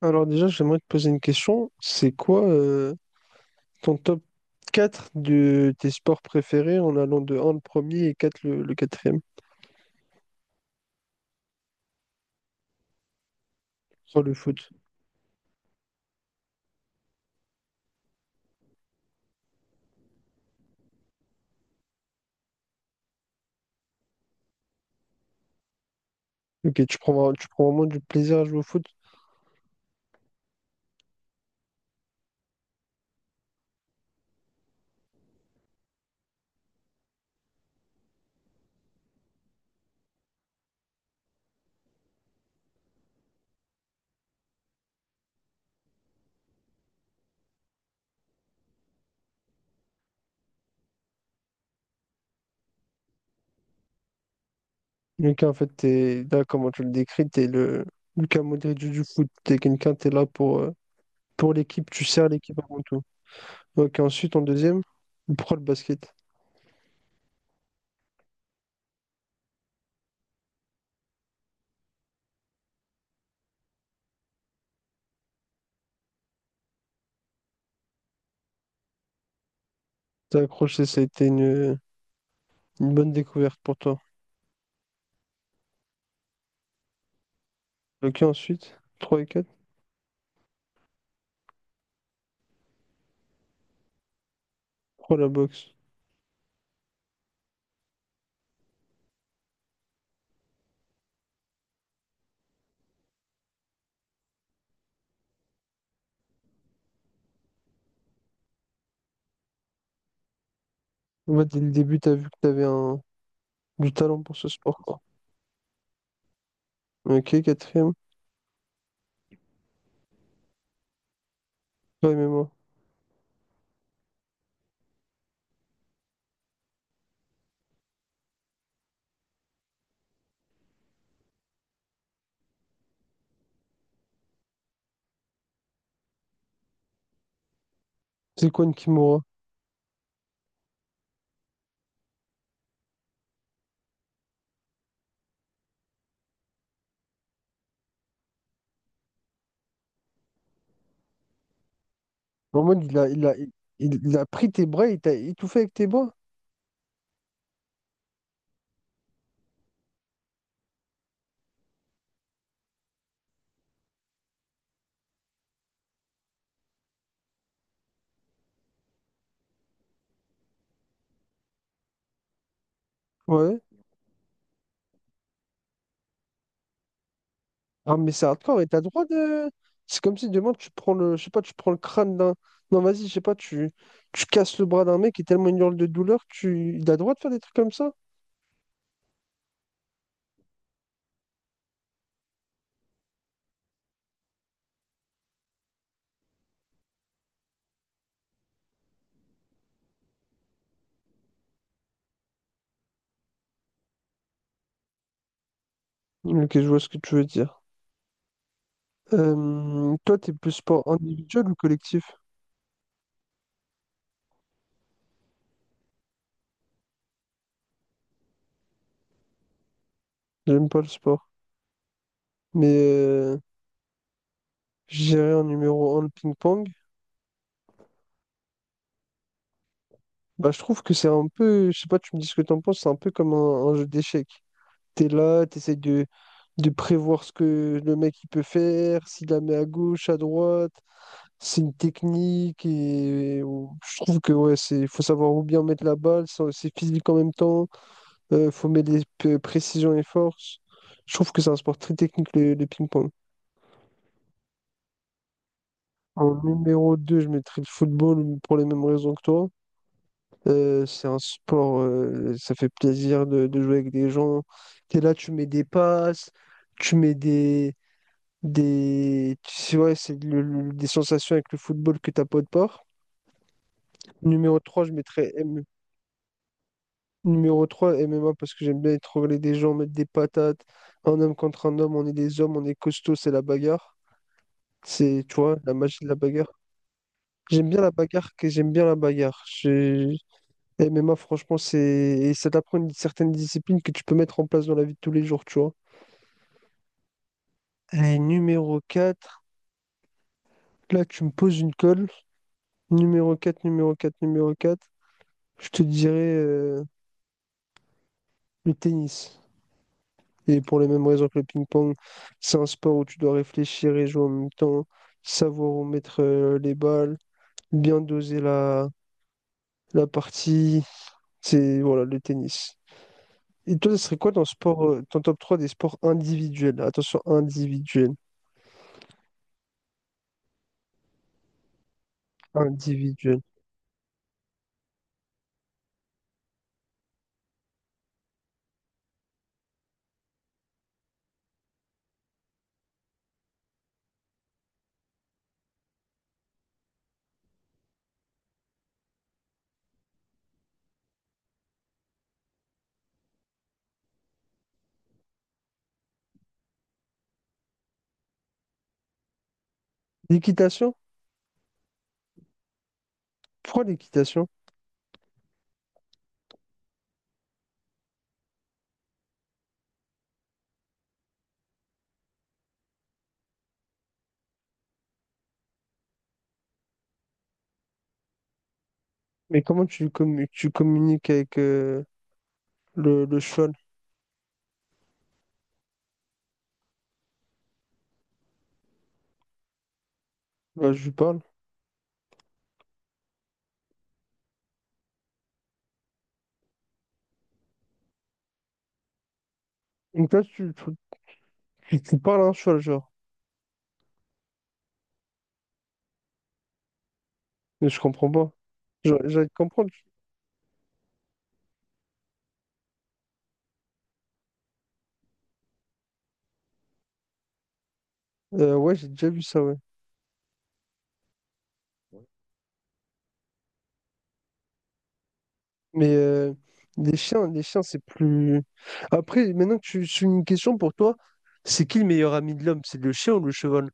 Alors déjà, j'aimerais te poser une question. C'est quoi ton top 4 de tes sports préférés en allant de un le premier et 4 le quatrième? Sur le foot. Ok, tu prends, tu prends vraiment du plaisir à jouer au foot. Lucas, en fait, t'es là, comment tu le décris, t'es le Lucas Modric du foot. T'es quelqu'un, t'es là pour l'équipe, tu sers l'équipe avant tout. Ok, ensuite, en deuxième, pourquoi le basket? T'as accroché, ça a été une bonne découverte pour toi. Ok, ensuite, trois et quatre. 3 la boxe. Moi, dès le début, t'as vu que t'avais un... du talent pour ce sport, quoi. Ok, quatrième, toi et moi. C'est quoi une kimura? En mode, il a pris tes bras, il t'a étouffé avec tes bras? Ouais. Ah, mais c'est hardcore et t'as le droit de. C'est comme si demain tu prends le. Je sais pas, tu prends le crâne d'un. Non, vas-y, je sais pas, tu... tu casses le bras d'un mec et tellement il hurle de douleur, tu. Il a le droit de faire des trucs comme ça? Ok, je vois ce que tu veux dire. Toi, t'es plus sport individuel ou collectif? J'aime pas le sport. Mais je dirais en numéro un le ping-pong. Bah, je trouve que c'est un peu, je sais pas, tu me dis ce que t'en penses, c'est un peu un jeu d'échecs. T'es là, de prévoir ce que le mec il peut faire, s'il la met à gauche, à droite, c'est une technique et, je trouve que ouais, c'est, faut savoir où bien mettre la balle, c'est physique en même temps, faut mettre les précisions et forces. Je trouve que c'est un sport très technique le ping-pong. En numéro 2 je mettrais le football pour les mêmes raisons que toi. C'est un sport, ça fait plaisir de jouer avec des gens. T'es là, tu mets des passes, tu mets des, tu sais, ouais, des sensations avec le football que t'as pas de part. Numéro 3 je mettrais M- numéro 3 MMA parce que j'aime bien étrangler des gens, mettre des patates. Un homme contre un homme, on est des hommes, on est costaud, c'est la bagarre. C'est, tu vois, la magie de la bagarre. J'aime bien la bagarre, que j'aime bien la bagarre. Et MMA, franchement, c'est... et ça t'apprend une certaine discipline que tu peux mettre en place dans la vie de tous les jours, tu vois. Allez, numéro quatre. Là, tu me poses une colle. Numéro quatre, je te dirais le tennis. Et pour les mêmes raisons que le ping-pong, c'est un sport où tu dois réfléchir et jouer en même temps, savoir où mettre les balles, bien doser la partie. C'est voilà, le tennis. Et toi, ce serait quoi ton sport, ton top 3 des sports individuels? Attention, individuels. Individuels. L'équitation? Pourquoi l'équitation? Mais tu communiques avec le cheval? Là, je lui parle. Donc là, tu parles à un cheval, genre. Mais je comprends pas. Genre, j'arrive de comprendre. Ouais, j'ai déjà vu ça, ouais. Mais les chiens, c'est plus. Après, maintenant que tu suis une question pour toi, c'est qui le meilleur ami de l'homme? C'est le chien ou le cheval?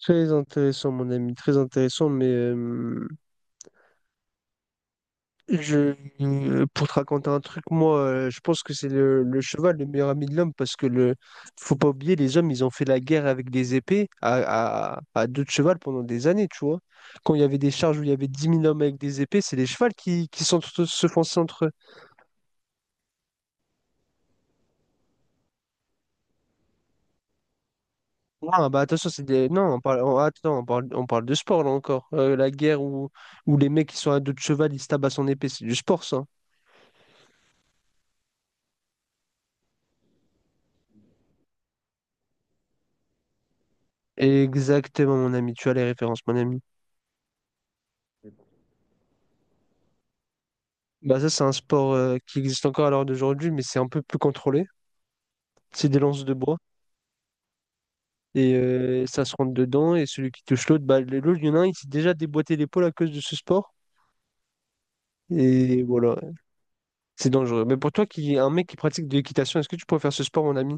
Très intéressant, mon ami, très intéressant. Mais je, pour te raconter un truc, moi, je pense que c'est le cheval le meilleur ami de l'homme parce que faut pas oublier, les hommes, ils ont fait la guerre avec des épées à deux de cheval pendant des années, tu vois. Quand il y avait des charges où il y avait dix mille hommes avec des épées, c'est les chevals qui se fonçaient entre eux. Ah, bah attention, c'est des... Non, on parle... Attends, on parle de sport là encore. La guerre où... où les mecs qui sont à dos de cheval, ils se tapent à son épée, c'est du sport ça. Exactement, mon ami, tu as les références, mon ami. Bah ça, c'est un sport qui existe encore à l'heure d'aujourd'hui, mais c'est un peu plus contrôlé. C'est des lances de bois et ça se rentre dedans et celui qui touche l'autre, l'autre, il y en a un, il s'est déjà déboîté l'épaule à cause de ce sport. Et voilà, c'est dangereux. Mais pour toi, qui un mec qui pratique de l'équitation, est-ce que tu pourrais faire ce sport, mon ami?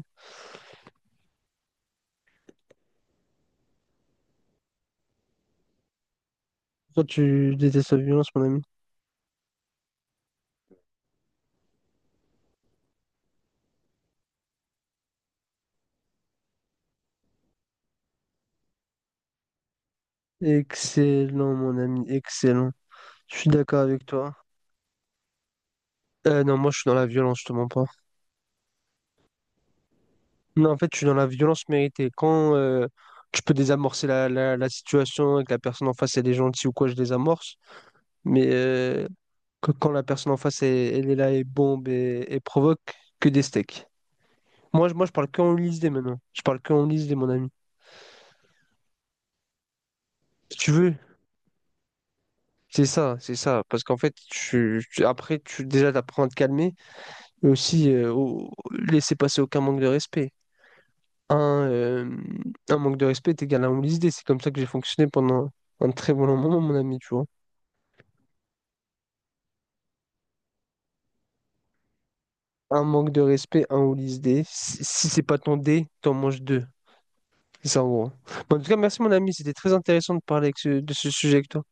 Toi, tu détestes la violence, mon ami. Excellent, mon ami, excellent. Je suis d'accord avec toi. Non, moi, je suis dans la violence, je te mens pas. Non, en fait, je suis dans la violence méritée. Quand je peux désamorcer la situation et que la personne en face, elle est gentille ou quoi, je désamorce. Mais quand la personne en face, elle, elle est là et bombe et provoque, que des steaks. Moi, je parle que en lisdé maintenant. Je parle que en lisdé, mon ami. Si tu veux, c'est ça. Parce qu'en fait, après, tu déjà, t'apprends à te calmer. Mais aussi, laisser passer aucun manque de respect. Un un manque de respect est égal à un holisdé. C'est comme ça que j'ai fonctionné pendant un très bon moment, mon ami, tu vois. Un manque de respect, un holisdé. Si, si c'est pas ton dé, t'en manges deux. C'est ça, en gros. Bon, en tout cas, merci, mon ami. C'était très intéressant de parler avec de ce sujet avec toi.